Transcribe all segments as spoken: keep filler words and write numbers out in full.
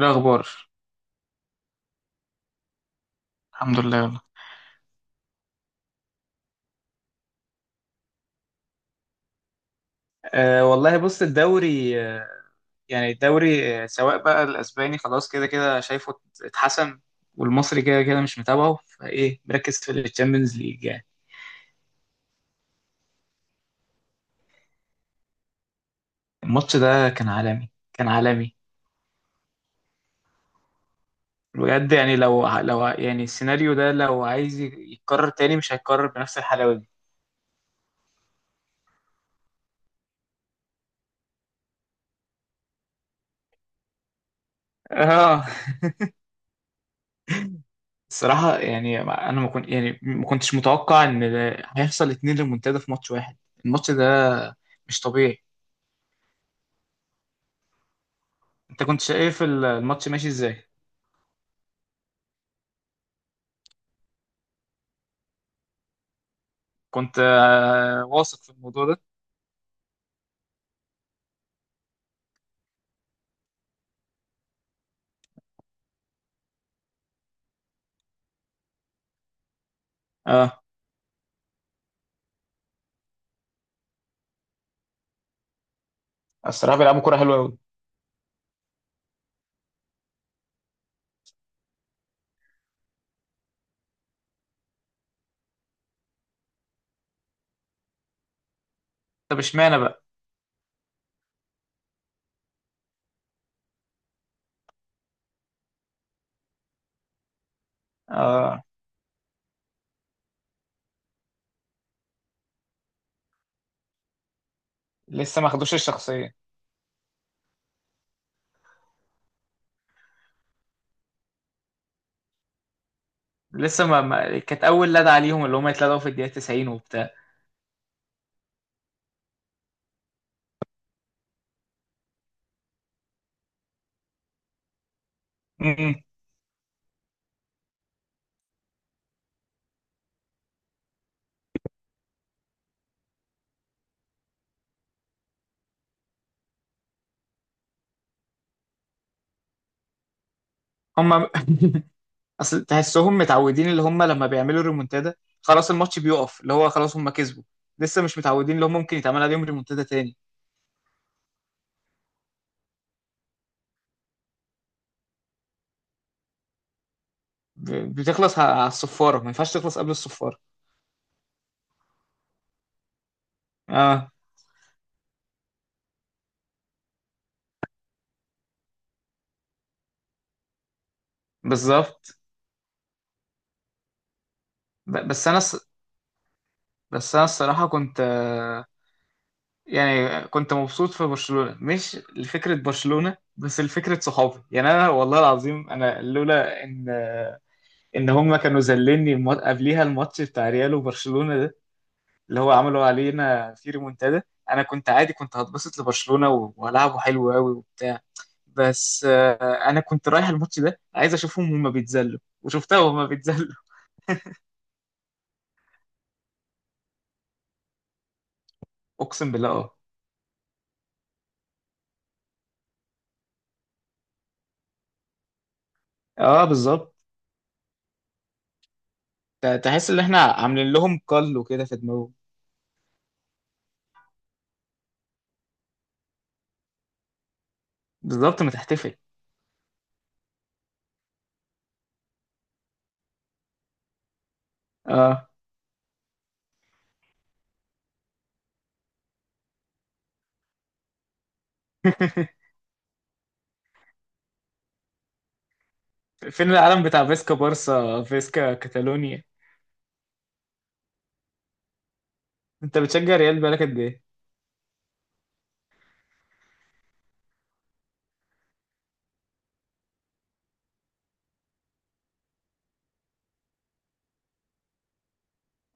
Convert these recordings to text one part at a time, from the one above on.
إيه الأخبار؟ الحمد لله والله. أه والله، بص الدوري، آه، يعني الدوري، آه، سواء بقى الأسباني خلاص كده كده شايفه ات- اتحسن، والمصري كده كده مش متابعه، فإيه مركز في الشامبيونز ليج يعني. الماتش ده كان عالمي، كان عالمي بجد. يعني لو ع- لو ع- يعني السيناريو ده لو عايز ي- يتكرر تاني، مش هيتكرر بنفس الحلاوة دي. اه. الصراحة يعني ما- أنا ما كنت يعني ما كنتش متوقع إن ده هيحصل اتنين ريمونتادا في ماتش واحد. الماتش ده مش طبيعي. انت كنت شايف الماتش ماشي ازاي؟ كنت آه، واثق في الموضوع ده. اه الصراحه بيلعبوا كوره حلوه قوي. طب اشمعنى بقى؟ آه. لسه ما خدوش الشخصيه. لسه ما, ما... كانت اول لدى عليهم اللي هم يتلدعوا في الدقيقه تسعين وبتاع. امم هم. اصل تحسهم متعودين اللي هم لما بيعملوا ريمونتادا، خلاص الماتش بيقف، اللي هو خلاص هم كسبوا. لسه مش متعودين اللي هم ممكن يتعمل عليهم ريمونتادا تاني. ب- بتخلص ع- على الصفاره، ما ينفعش تخلص قبل الصفاره. اه بالظبط. ب- بس انا ص- بس انا الصراحه كنت آه، يعني كنت مبسوط في برشلونه، مش لفكره برشلونه بس لفكره صحابي. يعني انا والله العظيم انا لولا ان آه، ان هم كانوا ذلني الم- قبليها الماتش بتاع ريال وبرشلونه ده، اللي هو عملوا علينا في ريمونتادا، انا كنت عادي كنت هتبسط لبرشلونه و- والعبه حلو قوي وبتاع. بس آه، انا كنت رايح الماتش ده عايز اشوفهم هما بيتذلوا، وشفتها وهما بيتذلوا. اقسم بالله اه. اه بالظبط. ت- تحس ان احنا عاملين لهم كل وكده في دماغهم. بالظبط ما تحتفل. اه. فين العالم بتاع فيسكا بارسا فيسكا كاتالونيا؟ انت بتشجع ريال بقالك قد ايه؟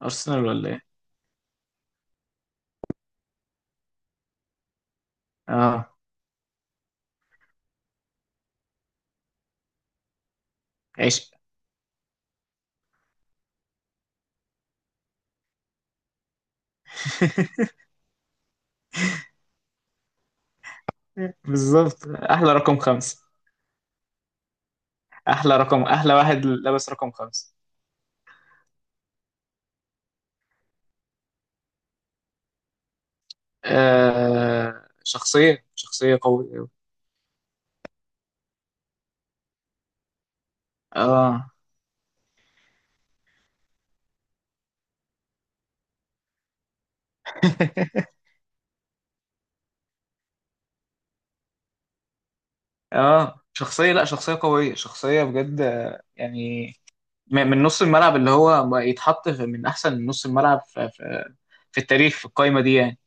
ارسنال ولا ايه؟ اه عشق. بالظبط، احلى رقم خمسة. احلى رقم، احلى واحد لابس رقم خمسة. آه شخصية، شخصية قوية أوي. اه. اه شخصية، لا شخصية قوية، شخصية بجد آه، يعني م- من نص الملعب اللي هو ما يتحط في- من احسن نص الملعب في في, في التاريخ، في القايمة دي يعني.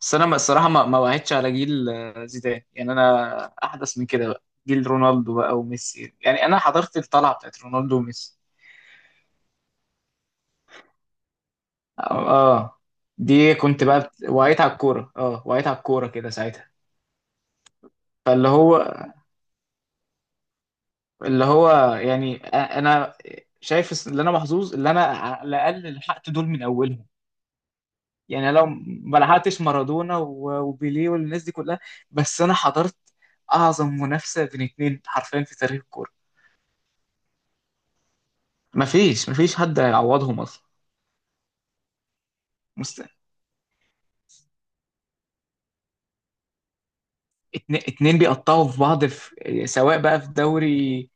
بس انا ما- الصراحه ما ما وعدتش على جيل آه، زيدان، يعني انا احدث من كده. بقى جيل رونالدو بقى وميسي، يعني انا حضرت الطلعه بتاعت رونالدو وميسي. اه. آه. دي كنت بقى بت- وعيت على الكوره، اه وعيت على الكوره كده ساعتها. فاللي هو، اللي هو يعني، أ- انا شايف الس- اللي انا محظوظ اللي انا على الاقل لحقت دول من اولهم. يعني لو ما لحقتش مارادونا و- وبيليه والناس دي كلها، بس انا حضرت اعظم منافسه بين اتنين حرفيا في تاريخ الكوره. مفيش مفيش حد هيعوضهم اصلا. مست... اتن... اتنين بيقطعوا في بعض، في، سواء بقى في دوري.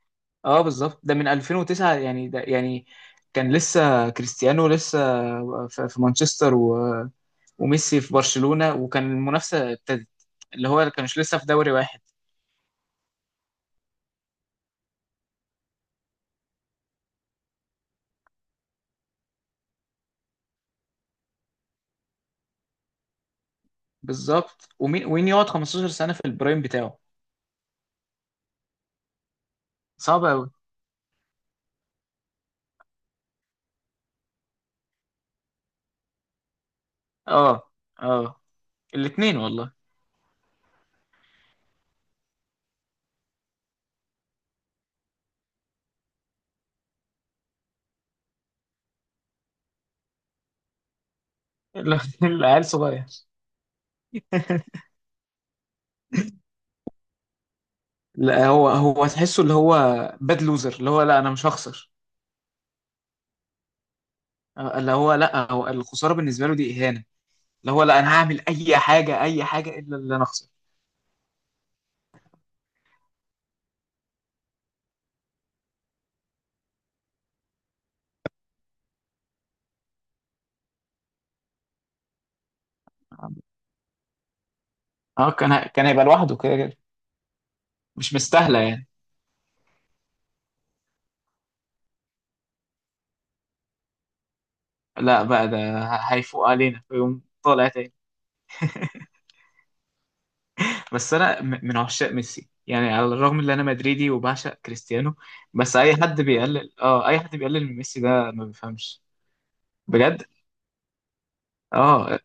اه بالظبط، ده من ألفين وتسعة يعني. ده يعني كان لسه كريستيانو لسه في في مانشستر و... وميسي في برشلونة، وكان المنافسة ابتدت. اللي هو كانش لسه في دوري واحد. بالظبط، ومين وين يقعد 15 سنة في البرايم بتاعه؟ صعب قوي. اه اه. الاتنين والله. ال- العيال صغير. لا هو، هو تحسه اللي هو باد لوزر. اللي هو لا انا مش هخسر. اللي هو لا، هو الخساره بالنسبه له دي اهانه. اللي هو لا انا هعمل اي حاجه، اي حاجه، الا اللي انا اخسر. اه كان هي- كان هيبقى لوحده كده كده. مش مستاهله يعني. لا بقى ده ه- هيفوق علينا ويقوم طالع تاني. بس انا م- من عشاق ميسي يعني، على الرغم ان انا مدريدي وبعشق كريستيانو. بس اي حد بيقلل، اه، اي حد بيقلل من ميسي ده ما بيفهمش. بجد. اه.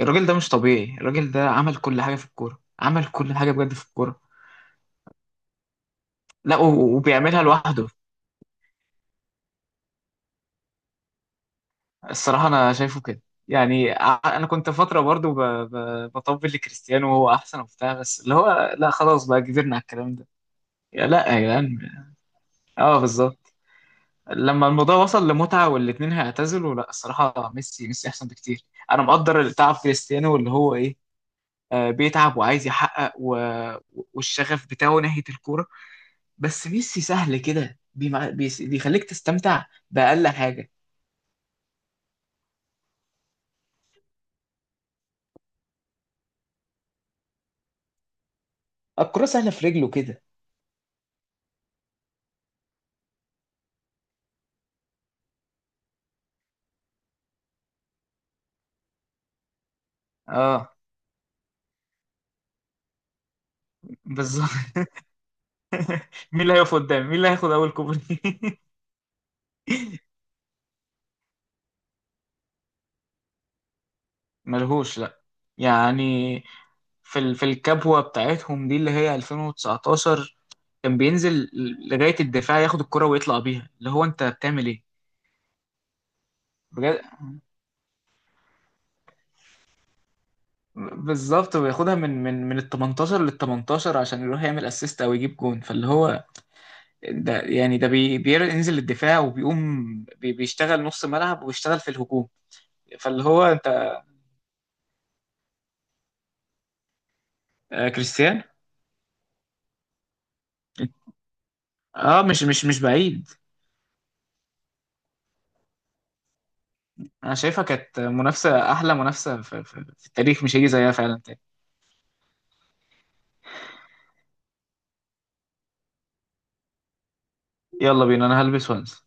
الراجل ده مش طبيعي، الراجل ده عمل كل حاجة في الكورة، عمل كل حاجة بجد في الكورة. لا و- وبيعملها لوحده. الصراحة أنا شايفه كده. يعني ع- أنا كنت فترة برضو ب... ب... بطبل لكريستيانو وهو أحسن وبتاع، بس اللي هو لا، خلاص بقى كبرنا على الكلام ده. يا لا يا جدعان. اه بالظبط. لما الموضوع وصل لمتعة والاتنين هيعتزلوا، لا الصراحة ميسي، ميسي أحسن بكتير. أنا مقدر تعب كريستيانو اللي هو إيه، آه، بيتعب وعايز يحقق و... والشغف بتاعه ناحية الكورة. بس ميسي سهل كده، بيمع... بيس- بيخليك تستمتع بأقل حاجة. الكرة سهلة في رجله كده. اه بالظبط. مين اللي هيقف قدامي، مين اللي هياخد اول كوبري. ملهوش لا. يعني في ال... في الكبوة بتاعتهم دي اللي هي ألفين وتسعتاشر، كان بينزل لغاية الدفاع ياخد الكرة ويطلع بيها، اللي هو انت بتعمل ايه؟ بجد. بالظبط، وياخدها من من من ال تمنتاشر لل تمنتاشر عشان يروح يعمل اسيست او يجيب جون. فاللي هو ده يعني، ده بي- بينزل الدفاع وبيقوم بي- بيشتغل نص ملعب ويشتغل في الهجوم. فاللي هو انت. آه، كريستيان. اه مش مش مش بعيد. انا شايفها كانت منافسة، احلى منافسة في, في, في التاريخ، مش هيجي زيها فعلا تاني. يلا بينا انا هلبس وانسى.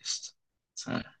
قشطة. سلام.